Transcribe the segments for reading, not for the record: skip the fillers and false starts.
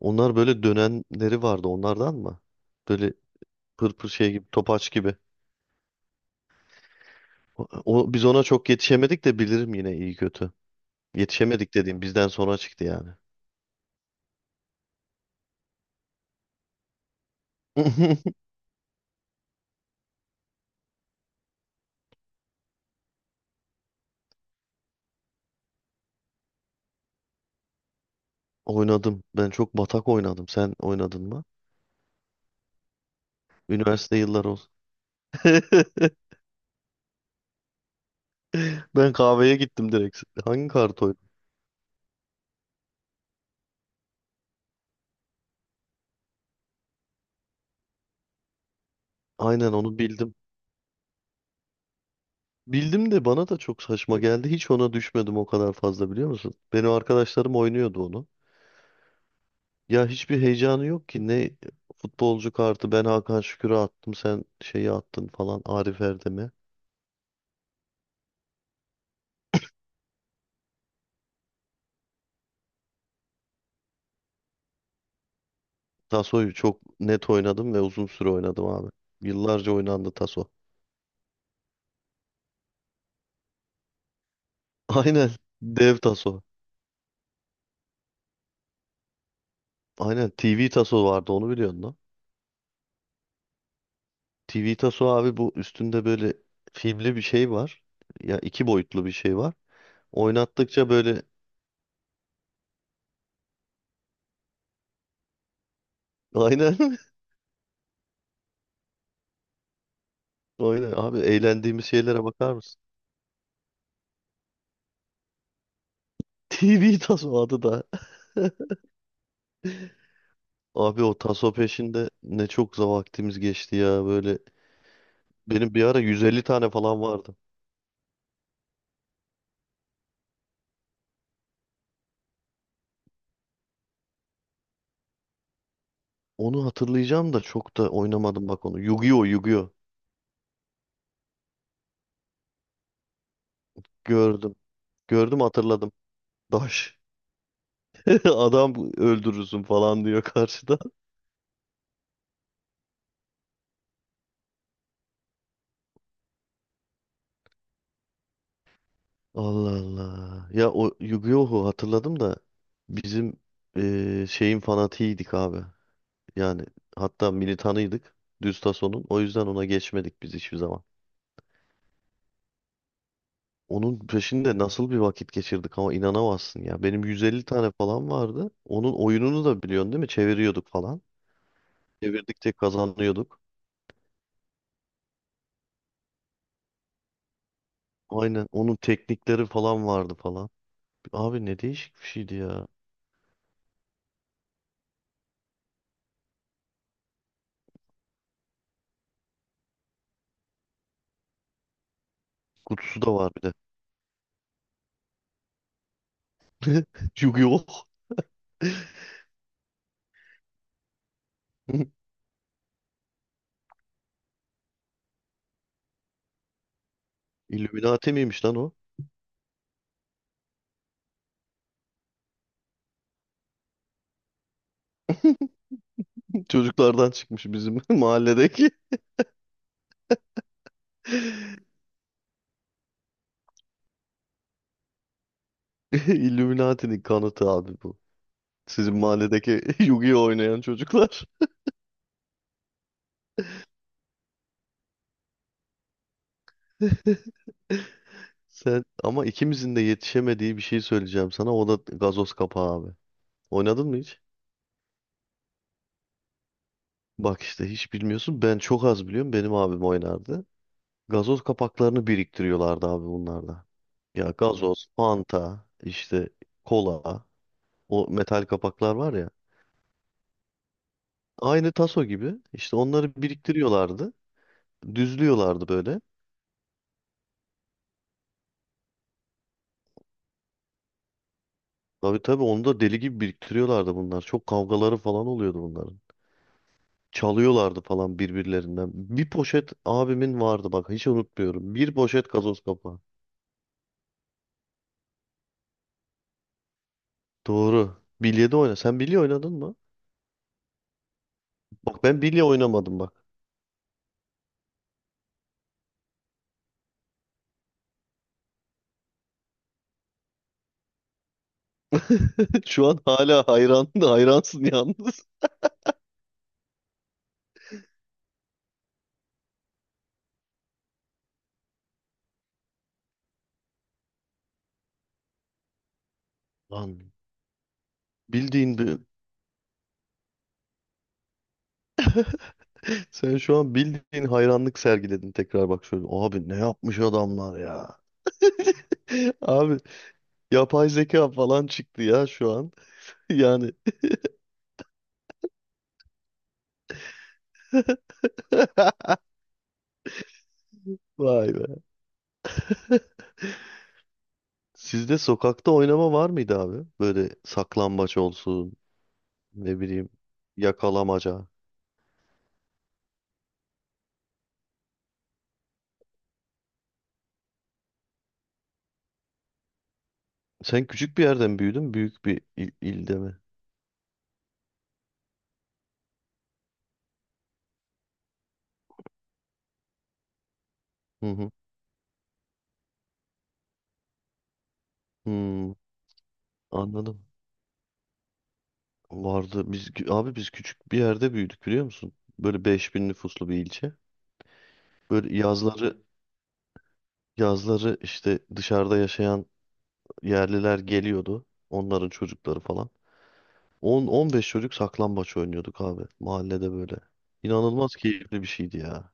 Onlar böyle dönenleri vardı onlardan mı? Böyle pır pır şey gibi topaç gibi. Biz ona çok yetişemedik de bilirim yine iyi kötü. Yetişemedik dediğim bizden sonra çıktı yani. Oynadım. Ben çok batak oynadım. Sen oynadın mı? Üniversite yılları olsun. Ben kahveye gittim direkt. Hangi kart oynadım? Aynen onu bildim. Bildim de bana da çok saçma geldi. Hiç ona düşmedim o kadar fazla biliyor musun? Benim arkadaşlarım oynuyordu onu. Ya hiçbir heyecanı yok ki. Ne futbolcu kartı, ben Hakan Şükür'ü attım, sen şeyi attın falan, Arif Erdem'e. Taso'yu çok net oynadım ve uzun süre oynadım abi. Yıllarca oynandı Taso. Aynen, dev Taso. Aynen, TV Taso vardı, onu biliyorsun lan. TV Taso abi, bu üstünde böyle filmli bir şey var. Ya iki boyutlu bir şey var. Oynattıkça böyle aynen aynen abi, eğlendiğimiz şeylere bakar mısın? TV Taso adı da. Abi o taso peşinde ne çok vaktimiz geçti ya böyle. Benim bir ara 150 tane falan vardı. Onu hatırlayacağım da çok da oynamadım bak onu. Yu-Gi-Oh! Yu-Gi-Oh! Gördüm. Gördüm, hatırladım. Daş. Adam öldürürsün falan diyor karşıda. Allah Allah. Ya o Yu-Gi-Oh'u hatırladım da bizim şeyin fanatiydik abi. Yani hatta militanıydık. Düz tasonun. O yüzden ona geçmedik biz hiçbir zaman. Onun peşinde nasıl bir vakit geçirdik ama inanamazsın ya. Benim 150 tane falan vardı. Onun oyununu da biliyorsun değil mi? Çeviriyorduk falan. Çevirdikçe kazanıyorduk. Aynen. Onun teknikleri falan vardı falan. Abi ne değişik bir şeydi ya. Kutusu da var bir de. Yu-Gi-Oh! Illuminati miymiş lan o? Çocuklardan çıkmış bizim mahalledeki. Illuminati'nin kanıtı abi bu. Sizin mahalledeki Yu-Gi-Oh oynayan çocuklar. Sen, ama ikimizin de yetişemediği bir şey söyleyeceğim sana. O da gazoz kapağı abi. Oynadın mı hiç? Bak işte hiç bilmiyorsun. Ben çok az biliyorum. Benim abim oynardı. Gazoz kapaklarını biriktiriyorlardı abi bunlarda. Ya gazoz, Fanta, işte kola, o metal kapaklar var ya. Aynı taso gibi. İşte onları biriktiriyorlardı. Düzlüyorlardı böyle. Tabii tabii, onu da deli gibi biriktiriyorlardı bunlar. Çok kavgaları falan oluyordu bunların. Çalıyorlardı falan birbirlerinden. Bir poşet abimin vardı bak, hiç unutmuyorum. Bir poşet gazoz kapağı. Doğru. Bilye de oyna. Sen bilye oynadın mı? Bak, ben bilye oynamadım bak. Şu an hala hayran hayransın yalnız. Lan, bildiğin bir... Sen şu an bildiğin hayranlık sergiledin tekrar bak şöyle. Abi ne yapmış adamlar ya. Abi, yapay zeka falan çıktı ya şu an. Yani vay be. Sizde sokakta oynama var mıydı abi? Böyle saklambaç olsun, ne bileyim, yakalamaca. Sen küçük bir yerden büyüdün, büyük bir ilde mi? Hı hı. Hmm, anladım. Vardı. Biz abi biz küçük bir yerde büyüdük, biliyor musun? Böyle 5.000 nüfuslu bir ilçe. Böyle yazları işte dışarıda yaşayan yerliler geliyordu. Onların çocukları falan. 10 15 çocuk saklambaç oynuyorduk abi mahallede böyle. İnanılmaz keyifli bir şeydi ya.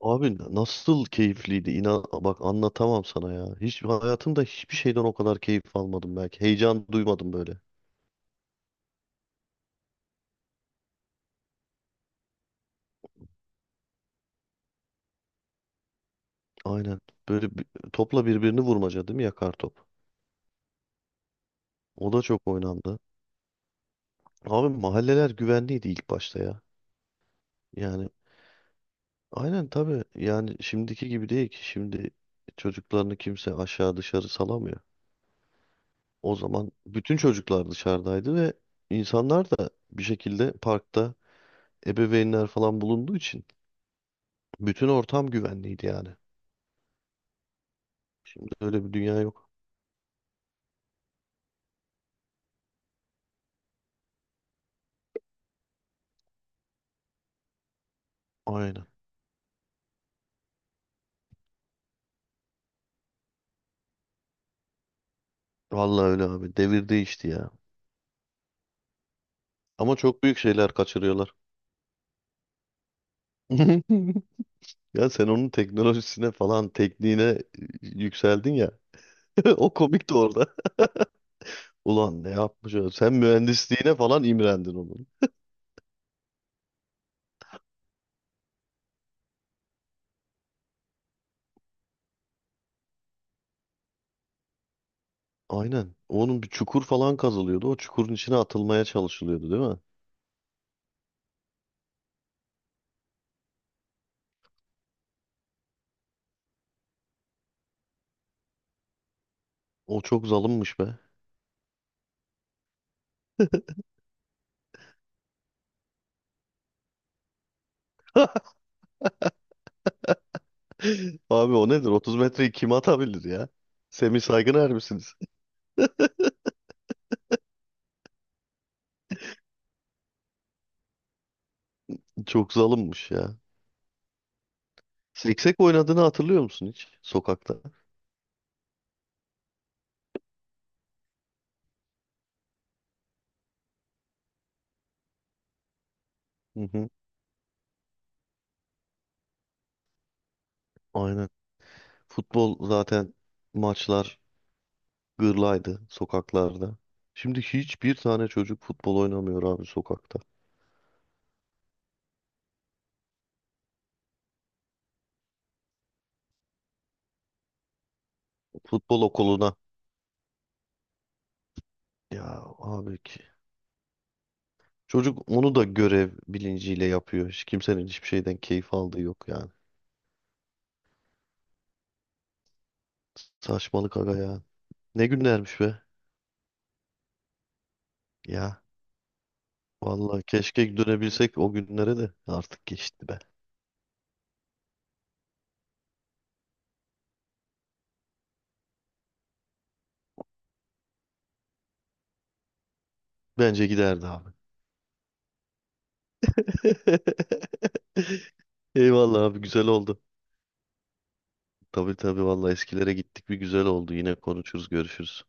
Abi nasıl keyifliydi? İnan bak, anlatamam sana ya. Hiç hayatımda hiçbir şeyden o kadar keyif almadım belki. Heyecan duymadım böyle. Aynen. Böyle bir- topla birbirini vurmaca değil mi? Yakar top. O da çok oynandı. Abi mahalleler güvenliydi ilk başta ya. Yani aynen, tabii. Yani şimdiki gibi değil ki. Şimdi çocuklarını kimse aşağı dışarı salamıyor. O zaman bütün çocuklar dışarıdaydı ve insanlar da bir şekilde parkta, ebeveynler falan bulunduğu için bütün ortam güvenliydi yani. Şimdi öyle bir dünya yok. Aynen. Vallahi öyle abi. Devir değişti ya. Ama çok büyük şeyler kaçırıyorlar. Ya sen onun teknolojisine falan, tekniğine yükseldin ya. O komik de orada. Ulan ne yapmış o? Sen mühendisliğine falan imrendin onun. Aynen. Onun bir çukur falan kazılıyordu. O çukurun içine atılmaya çalışılıyordu değil mi? O çok zalimmiş be. Abi o nedir? 30 metreyi kim atabilir ya? Semih Saygıner misiniz? Çok zalimmiş ya. Siksek oynadığını hatırlıyor musun hiç sokakta? Hı hı, aynen. Futbol zaten, maçlar gırlaydı sokaklarda. Şimdi hiçbir tane çocuk futbol oynamıyor abi sokakta. Futbol okuluna. Ya abi ki. Çocuk onu da görev bilinciyle yapıyor. Hiç kimsenin hiçbir şeyden keyif aldığı yok yani. Saçmalık aga ya. Ne günlermiş be. Ya vallahi keşke dönebilsek o günlere, de artık geçti be. Bence giderdi abi. Eyvallah abi, güzel oldu. Tabii tabii, vallahi eskilere gittik, bir güzel oldu. Yine konuşuruz, görüşürüz.